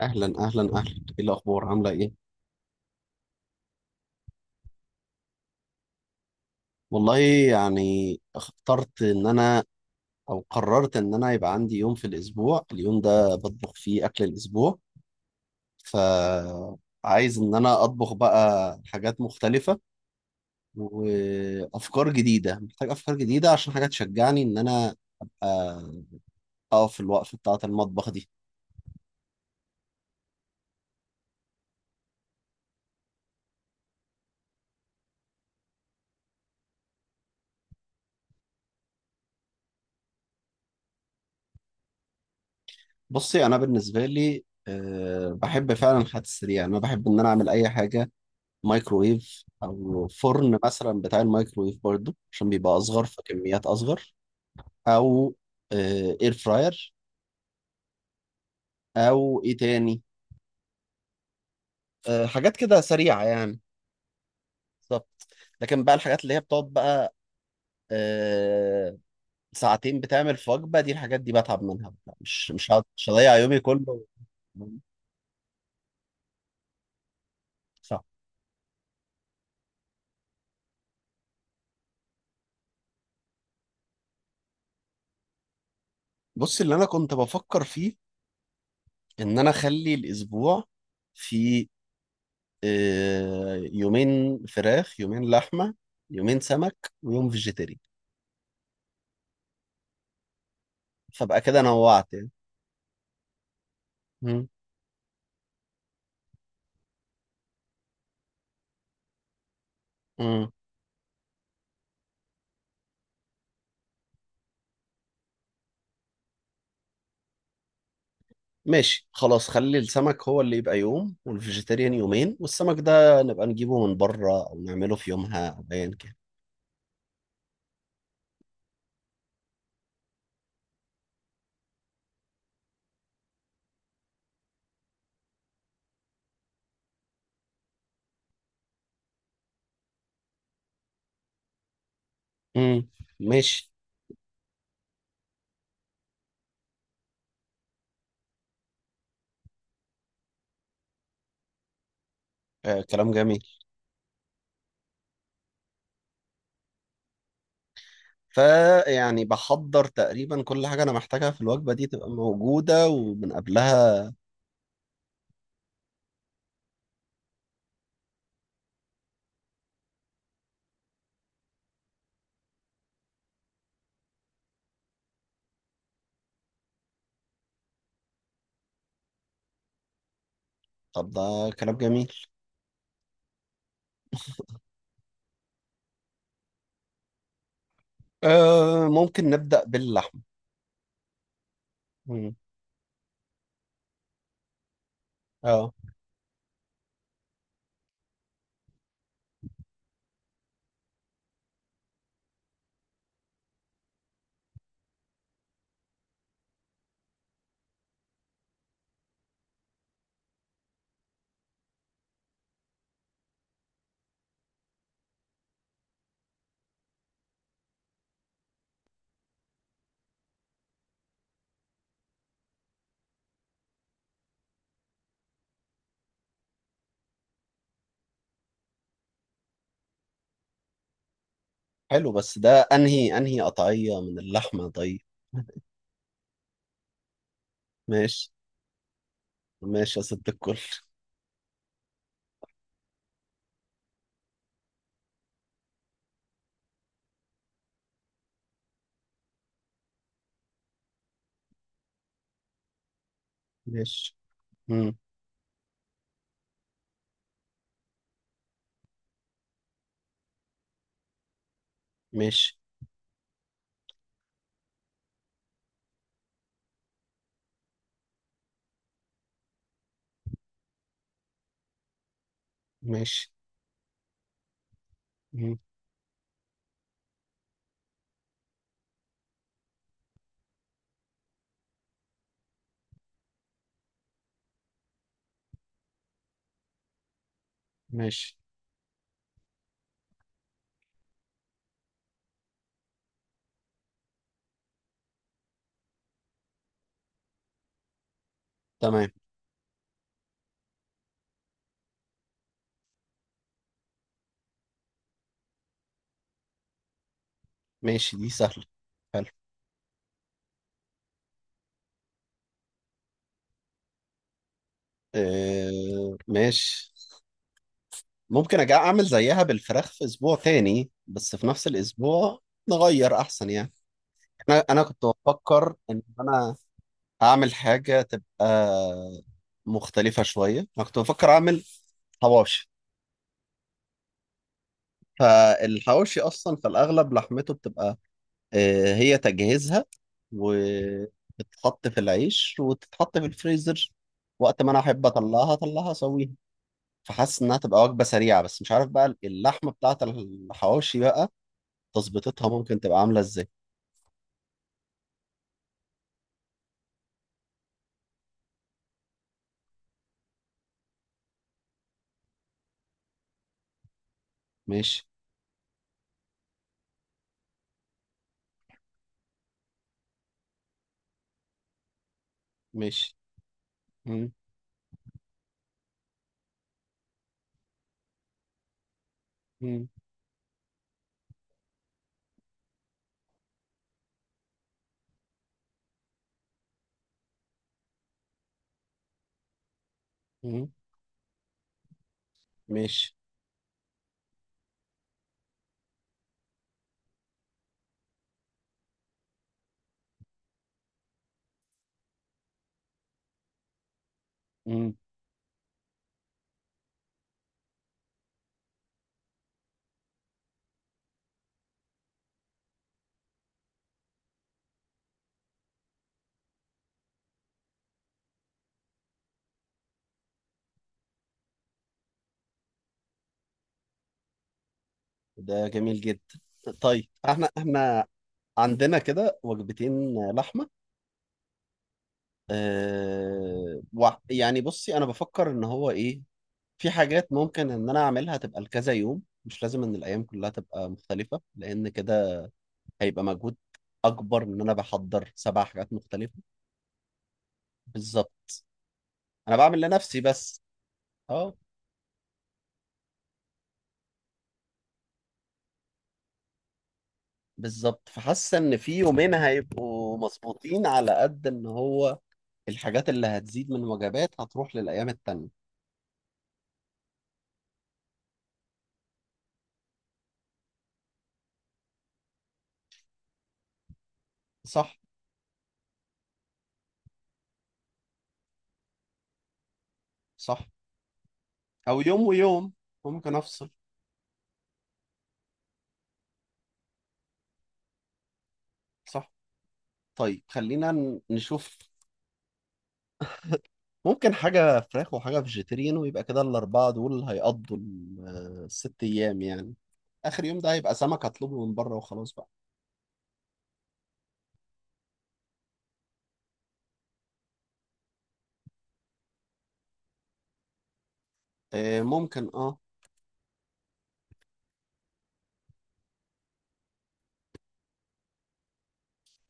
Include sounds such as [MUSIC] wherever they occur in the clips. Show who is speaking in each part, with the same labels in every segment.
Speaker 1: اهلا اهلا اهلا. ايه الاخبار، عامله ايه؟ والله، يعني اخترت ان انا او قررت ان انا يبقى عندي يوم في الاسبوع، اليوم ده بطبخ فيه اكل الاسبوع. فعايز ان انا اطبخ بقى حاجات مختلفه وافكار جديده. محتاج افكار جديده عشان حاجات تشجعني ان انا ابقى اقف في الوقفه بتاعه المطبخ دي. بصي، انا بالنسبه لي أه بحب فعلا الحاجات السريعه. انا بحب ان انا اعمل اي حاجه مايكرويف او فرن، مثلا بتاع المايكرويف برضو، عشان بيبقى اصغر، فكميات اصغر. او اير فراير، او ايه تاني، حاجات كده سريعه يعني. بالظبط. لكن بقى الحاجات اللي هي بتقعد بقى آه، ساعتين بتعمل في وجبه، دي الحاجات دي بتعب منها بقى. مش مش هضيع يومي كله. صح. بص، اللي انا كنت بفكر فيه ان انا اخلي الاسبوع فيه يومين فراخ، يومين لحمة، يومين سمك، ويوم فيجيتيري. فبقى كده نوعت يعني. مم. مم. ماشي، خلاص، خلي السمك هو اللي يبقى يوم، والفيجيتيريان يومين، والسمك ده نبقى نجيبه من بره أو نعمله في يومها أو أيا كان. مم. ماشي. آه، كلام جميل. فيعني بحضر تقريبا كل حاجة أنا محتاجها في الوجبة دي تبقى موجودة ومن قبلها. طب ده كلام جميل. آه، ممكن نبدأ باللحم. مم. اه، حلو، بس ده انهي انهي قطعية من اللحمة طيب؟ ماشي. ماشي يا ست الكل. ماشي. مم. ماشي. ماشي. مم، ماشي. تمام. ماشي، دي سهلة. حلو. آه، ماشي. ممكن أجي أعمل زيها بالفراخ في أسبوع تاني، بس في نفس الأسبوع نغير أحسن يعني. أنا كنت بفكر إن أنا أعمل حاجة تبقى مختلفة شوية. أنا كنت بفكر أعمل حواوشي. فالحواوشي اصلا في الاغلب لحمته بتبقى هي تجهيزها، وبتتحط في العيش وتتحط في الفريزر. وقت ما انا احب اطلعها اطلعها اسويها. فحاسس انها تبقى وجبه سريعه، بس مش عارف بقى اللحمه بتاعت الحواوشي بقى تظبيطتها ممكن تبقى عامله ازاي. ماشي. ماشي. مم، مم، مم، ماشي. مم. ده جميل جدا. طيب احنا عندنا كده وجبتين لحمه. أه يعني بصي، انا بفكر ان هو ايه، في حاجات ممكن ان انا اعملها تبقى لكذا يوم، مش لازم ان الايام كلها تبقى مختلفة، لان كده هيبقى مجهود اكبر ان انا بحضر سبع حاجات مختلفة. بالظبط. انا بعمل لنفسي بس. اه. بالظبط، فحاسة ان في يومين هيبقوا مظبوطين على قد ان هو الحاجات اللي هتزيد من وجبات هتروح للايام التانية. صح. صح. او يوم ويوم ممكن افصل. صح. طيب خلينا نشوف. ممكن حاجة فراخ وحاجة فيجيتيريان، ويبقى كده الأربعة دول هيقضوا الست أيام يعني. آخر يوم ده هيبقى سمك هطلبه من بره وخلاص بقى. آه، ممكن اه.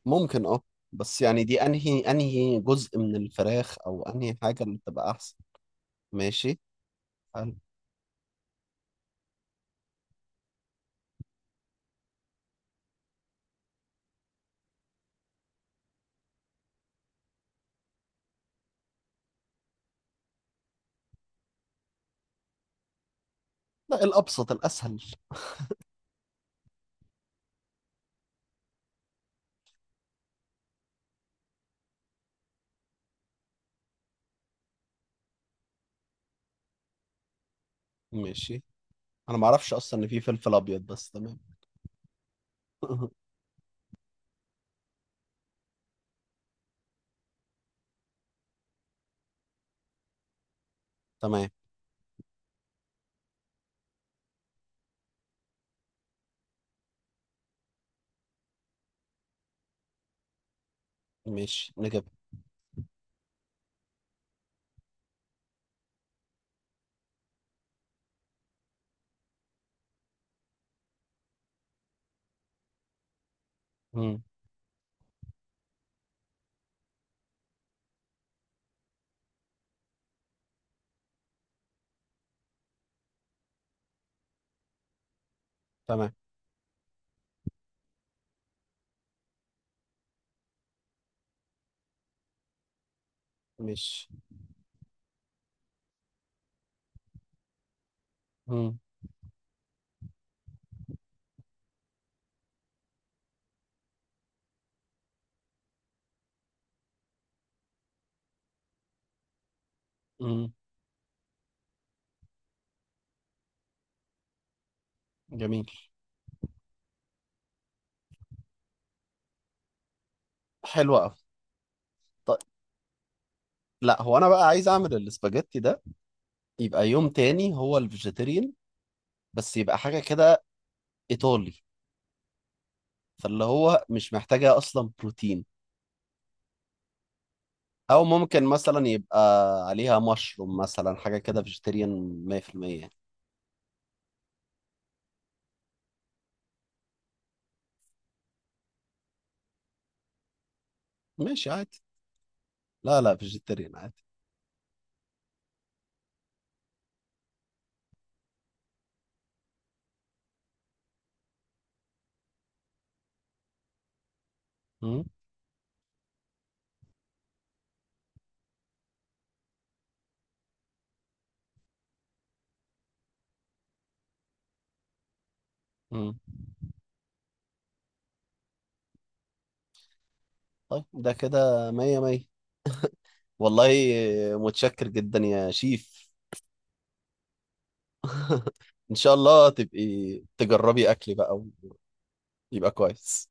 Speaker 1: ممكن اه. بس يعني دي أنهي أنهي جزء من الفراخ أو أنهي حاجة اللي تبقى أحسن؟ ماشي. حلو. لا، الأبسط الأسهل. ماشي. أنا معرفش أصلا إن في فلفل أبيض، بس تمام. [LAUGHS] تمام. ماشي نجيب. مم. تمام. ماشي. مم. مم. جميل. حلو أوي. طيب. لا، هو انا بقى عايز اعمل الاسباجيتي ده يبقى يوم تاني هو الفيجيتيريان، بس يبقى حاجه كده ايطالي. فاللي هو مش محتاجه اصلا بروتين. او ممكن مثلا يبقى عليها مشروم، مثلا حاجه كده فيجيتيريان 100% يعني. ماشي عادي. لا لا، فيجيتيريان عادي. مم. مم. طيب، ده كده مية مية. والله، متشكر جدا يا شيف. ان شاء الله تبقي تجربي اكلي بقى ويبقى كويس.